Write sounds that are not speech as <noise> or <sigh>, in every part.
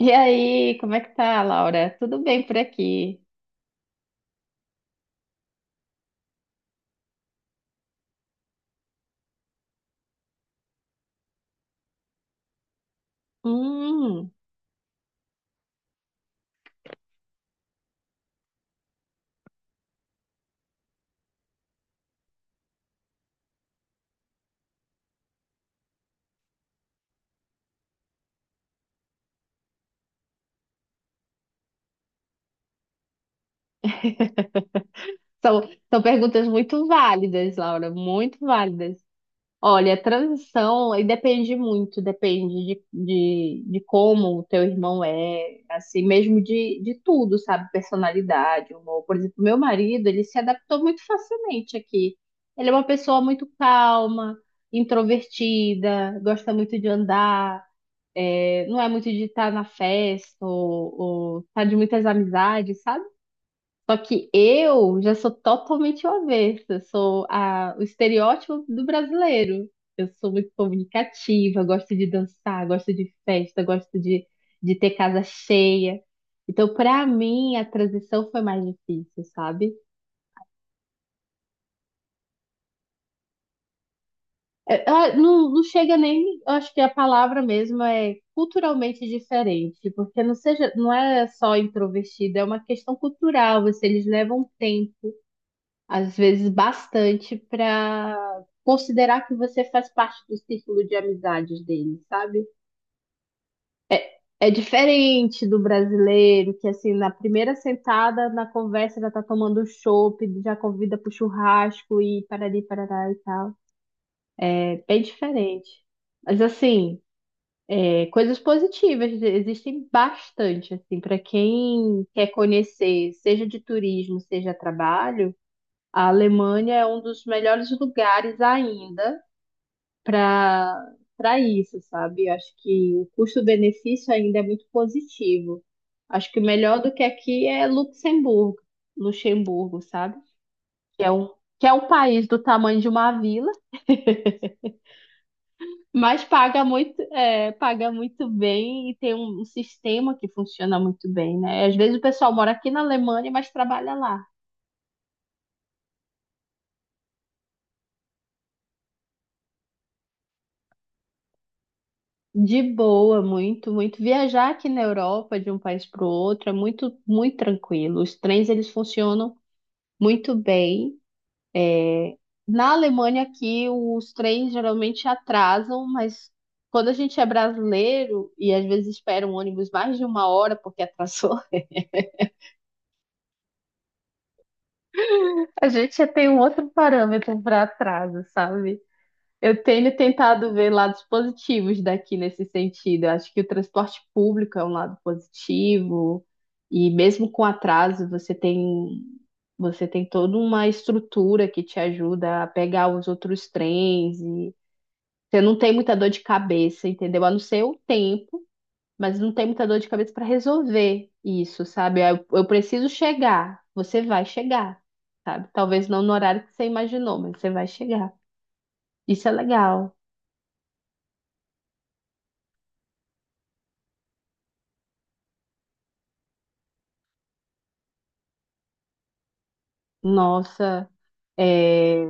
E aí, como é que tá, Laura? Tudo bem por aqui? Hum, são, são perguntas muito válidas, Laura, muito válidas. Olha, a transição aí depende muito, depende de como o teu irmão é, assim, mesmo de tudo, sabe? Personalidade, humor. Por exemplo, meu marido, ele se adaptou muito facilmente aqui. Ele é uma pessoa muito calma, introvertida, gosta muito de andar. É, não é muito de estar na festa ou estar de muitas amizades, sabe? Só que eu já sou totalmente o avesso, eu sou o estereótipo do brasileiro. Eu sou muito comunicativa, gosto de dançar, gosto de festa, gosto de ter casa cheia. Então, para mim, a transição foi mais difícil, sabe? É, ah, não chega nem, eu acho que a palavra mesmo é culturalmente diferente, porque não é só introvertido, é uma questão cultural, você, eles levam tempo, às vezes bastante, para considerar que você faz parte do círculo de amizades deles, sabe? É diferente do brasileiro, que assim, na primeira sentada, na conversa, já tá tomando chopp, já convida pro churrasco e parari, parará e tal. É bem diferente. Mas assim, é, coisas positivas existem bastante, assim, para quem quer conhecer, seja de turismo, seja trabalho, a Alemanha é um dos melhores lugares ainda para para isso, sabe? Eu acho que o custo-benefício ainda é muito positivo. Acho que o melhor do que aqui é Luxemburgo, Luxemburgo, sabe? Que é um, que é um país do tamanho de uma vila. Mas paga muito, é, paga muito bem e tem um sistema que funciona muito bem, né? Às vezes o pessoal mora aqui na Alemanha, mas trabalha lá. De boa, muito, muito. Viajar aqui na Europa de um país para o outro é muito, muito tranquilo. Os trens, eles funcionam muito bem. Na Alemanha aqui, os trens geralmente atrasam, mas quando a gente é brasileiro e às vezes espera um ônibus mais de uma hora porque atrasou, <laughs> a gente já tem um outro parâmetro para atraso, sabe? Eu tenho tentado ver lados positivos daqui nesse sentido. Eu acho que o transporte público é um lado positivo, e mesmo com atraso, você tem toda uma estrutura que te ajuda a pegar os outros trens, e você não tem muita dor de cabeça, entendeu? A não ser o tempo, mas não tem muita dor de cabeça para resolver isso, sabe? Eu preciso chegar, você vai chegar, sabe? Talvez não no horário que você imaginou, mas você vai chegar. Isso é legal. Nossa, é,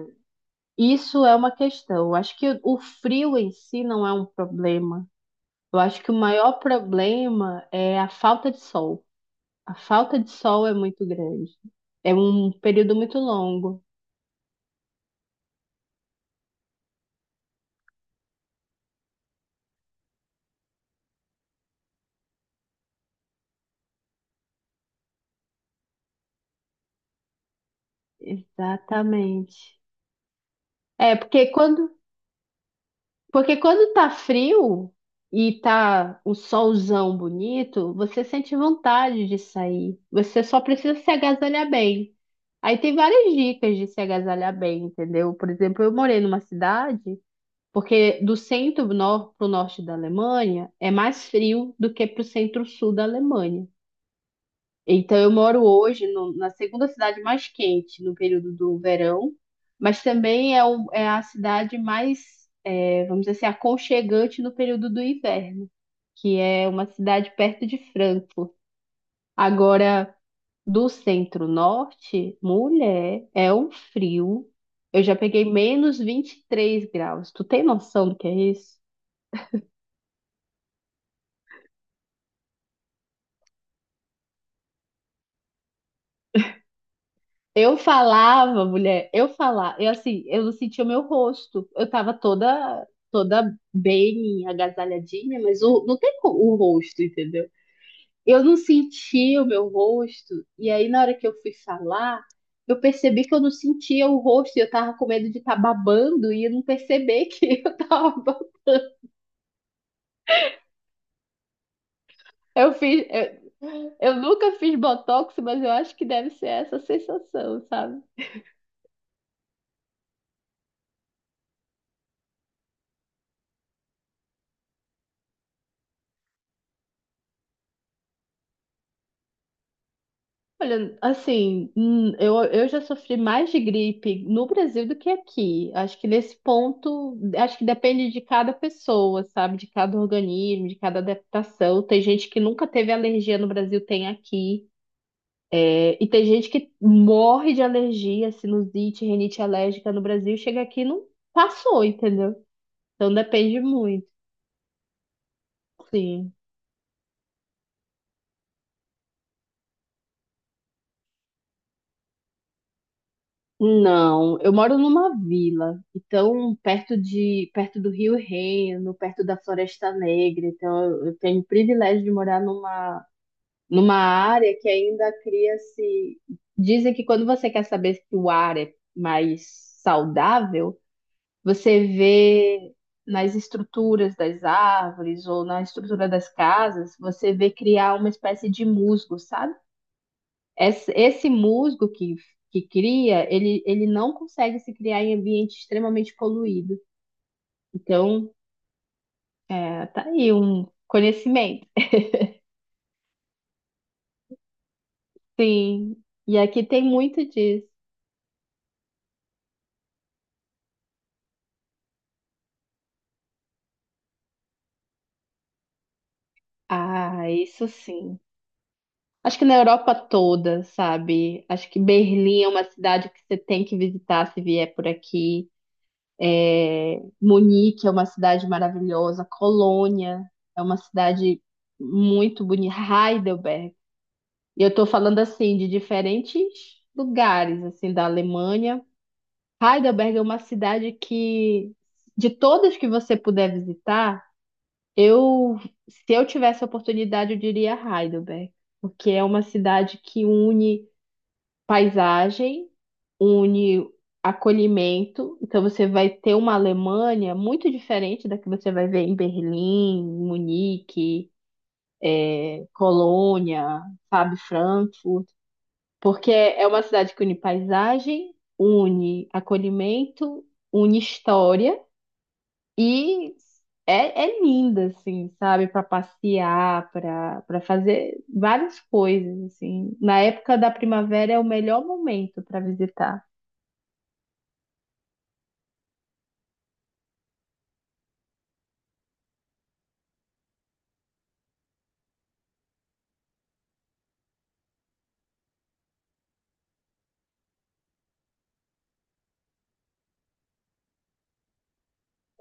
isso é uma questão. Acho que o frio em si não é um problema. Eu acho que o maior problema é a falta de sol. A falta de sol é muito grande. É um período muito longo. Exatamente. É, porque quando Porque quando tá frio e tá o solzão bonito, você sente vontade de sair. Você só precisa se agasalhar bem. Aí tem várias dicas de se agasalhar bem, entendeu? Por exemplo, eu morei numa cidade, porque do centro nor para o norte da Alemanha é mais frio do que para o centro-sul da Alemanha. Então, eu moro hoje na segunda cidade mais quente no período do verão, mas também é, é a cidade mais, é, vamos dizer assim, aconchegante no período do inverno, que é uma cidade perto de Frankfurt. Agora, do centro-norte, mulher, é um frio. Eu já peguei menos 23 graus. Tu tem noção do que é isso? Eu falava, mulher, eu falava, eu assim, eu não sentia o meu rosto. Eu tava toda toda bem agasalhadinha, mas não tem o rosto, entendeu? Eu não sentia o meu rosto, e aí na hora que eu fui falar, eu percebi que eu não sentia o rosto, e eu tava com medo de estar babando e eu não perceber que <laughs> eu tava babando. Eu fiz, eu nunca fiz botox, mas eu acho que deve ser essa a sensação, sabe? Olha, assim, eu já sofri mais de gripe no Brasil do que aqui. Acho que nesse ponto, acho que depende de cada pessoa, sabe? De cada organismo, de cada adaptação. Tem gente que nunca teve alergia no Brasil, tem aqui. É, e tem gente que morre de alergia, sinusite, rinite alérgica no Brasil, chega aqui e não passou, entendeu? Então depende muito, sim. Não, eu moro numa vila, então perto do Rio Reno, perto da Floresta Negra, então eu tenho o privilégio de morar numa área que ainda cria-se. Dizem que quando você quer saber se o ar é mais saudável, você vê nas estruturas das árvores ou na estrutura das casas, você vê criar uma espécie de musgo, sabe? Esse musgo que cria, ele não consegue se criar em ambiente extremamente poluído. Então, é, tá aí um conhecimento. Sim, e aqui tem muito disso. Ah, isso sim. Acho que na Europa toda, sabe? Acho que Berlim é uma cidade que você tem que visitar se vier por aqui. É, Munique é uma cidade maravilhosa. Colônia é uma cidade muito bonita. Heidelberg. E eu estou falando assim de diferentes lugares assim da Alemanha. Heidelberg é uma cidade que, de todas que você puder visitar, eu, se eu tivesse a oportunidade, eu diria Heidelberg, porque é uma cidade que une paisagem, une acolhimento. Então você vai ter uma Alemanha muito diferente da que você vai ver em Berlim, Munique, Colônia, sabe, Frankfurt. Porque é uma cidade que une paisagem, une acolhimento, une história e é linda, assim, sabe? Para passear, para fazer várias coisas, assim. Na época da primavera é o melhor momento para visitar.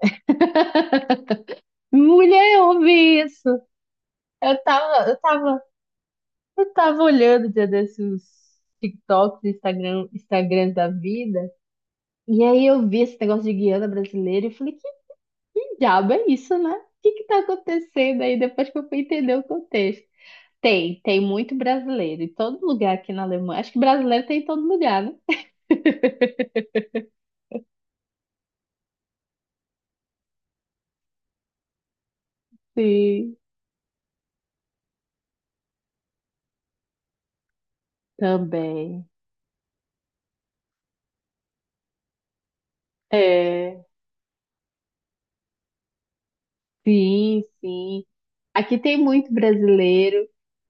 <laughs> Mulher, eu ouvi isso. Eu tava, eu tava, eu tava olhando um dia desses TikToks, Instagram, Instagrams da vida. E aí eu vi esse negócio de Guiana brasileira e falei, diabo é isso, né? O que que tá acontecendo aí depois que eu fui entender o contexto? Tem muito brasileiro em todo lugar aqui na Alemanha. Acho que brasileiro tem em todo lugar, né? Sim, também. É, sim, sim. Aqui tem muito brasileiro,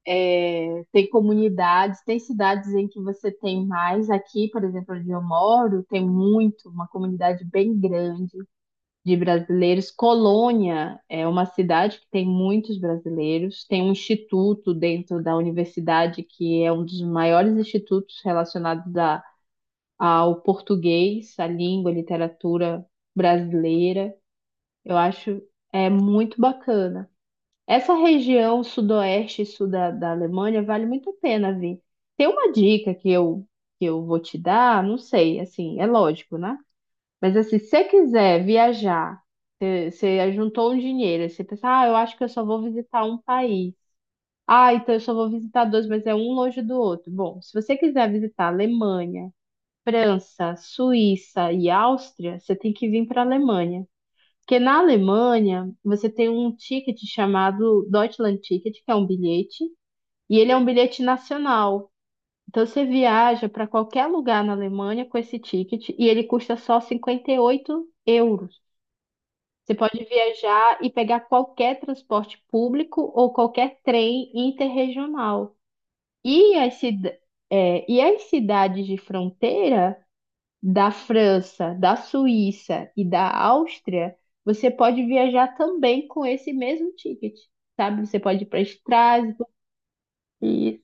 é, tem comunidades, tem cidades em que você tem mais. Aqui, por exemplo, onde eu moro, tem muito, uma comunidade bem grande de brasileiros. Colônia é uma cidade que tem muitos brasileiros, tem um instituto dentro da universidade que é um dos maiores institutos relacionados a, ao português, à língua, à literatura brasileira. Eu acho é muito bacana. Essa região sudoeste e sul da, da Alemanha vale muito a pena vir. Tem uma dica que eu vou te dar, não sei, assim, é lógico, né? Mas assim, se você quiser viajar, você juntou um dinheiro, aí você pensa, ah, eu acho que eu só vou visitar um país. Ah, então eu só vou visitar dois, mas é um longe do outro. Bom, se você quiser visitar Alemanha, França, Suíça e Áustria, você tem que vir para a Alemanha. Porque na Alemanha, você tem um ticket chamado Deutschland Ticket, que é um bilhete, e ele é um bilhete nacional. Então você viaja para qualquer lugar na Alemanha com esse ticket e ele custa só 58 euros. Você pode viajar e pegar qualquer transporte público ou qualquer trem interregional. E as, cida- e as cidades de fronteira da França, da Suíça e da Áustria, você pode viajar também com esse mesmo ticket, sabe? Você pode ir para Estrasburgo. e-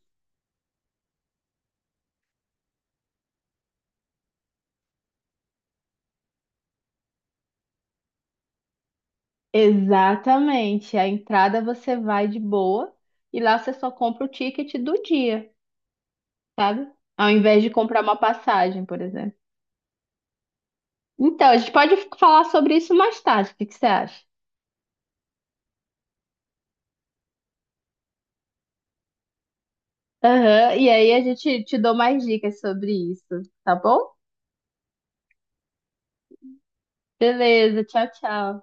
Exatamente. A entrada você vai de boa e lá você só compra o ticket do dia, sabe? Ao invés de comprar uma passagem, por exemplo. Então, a gente pode falar sobre isso mais tarde, o que que você acha? Aham, e aí a gente te dou mais dicas sobre isso, tá bom? Beleza, tchau, tchau.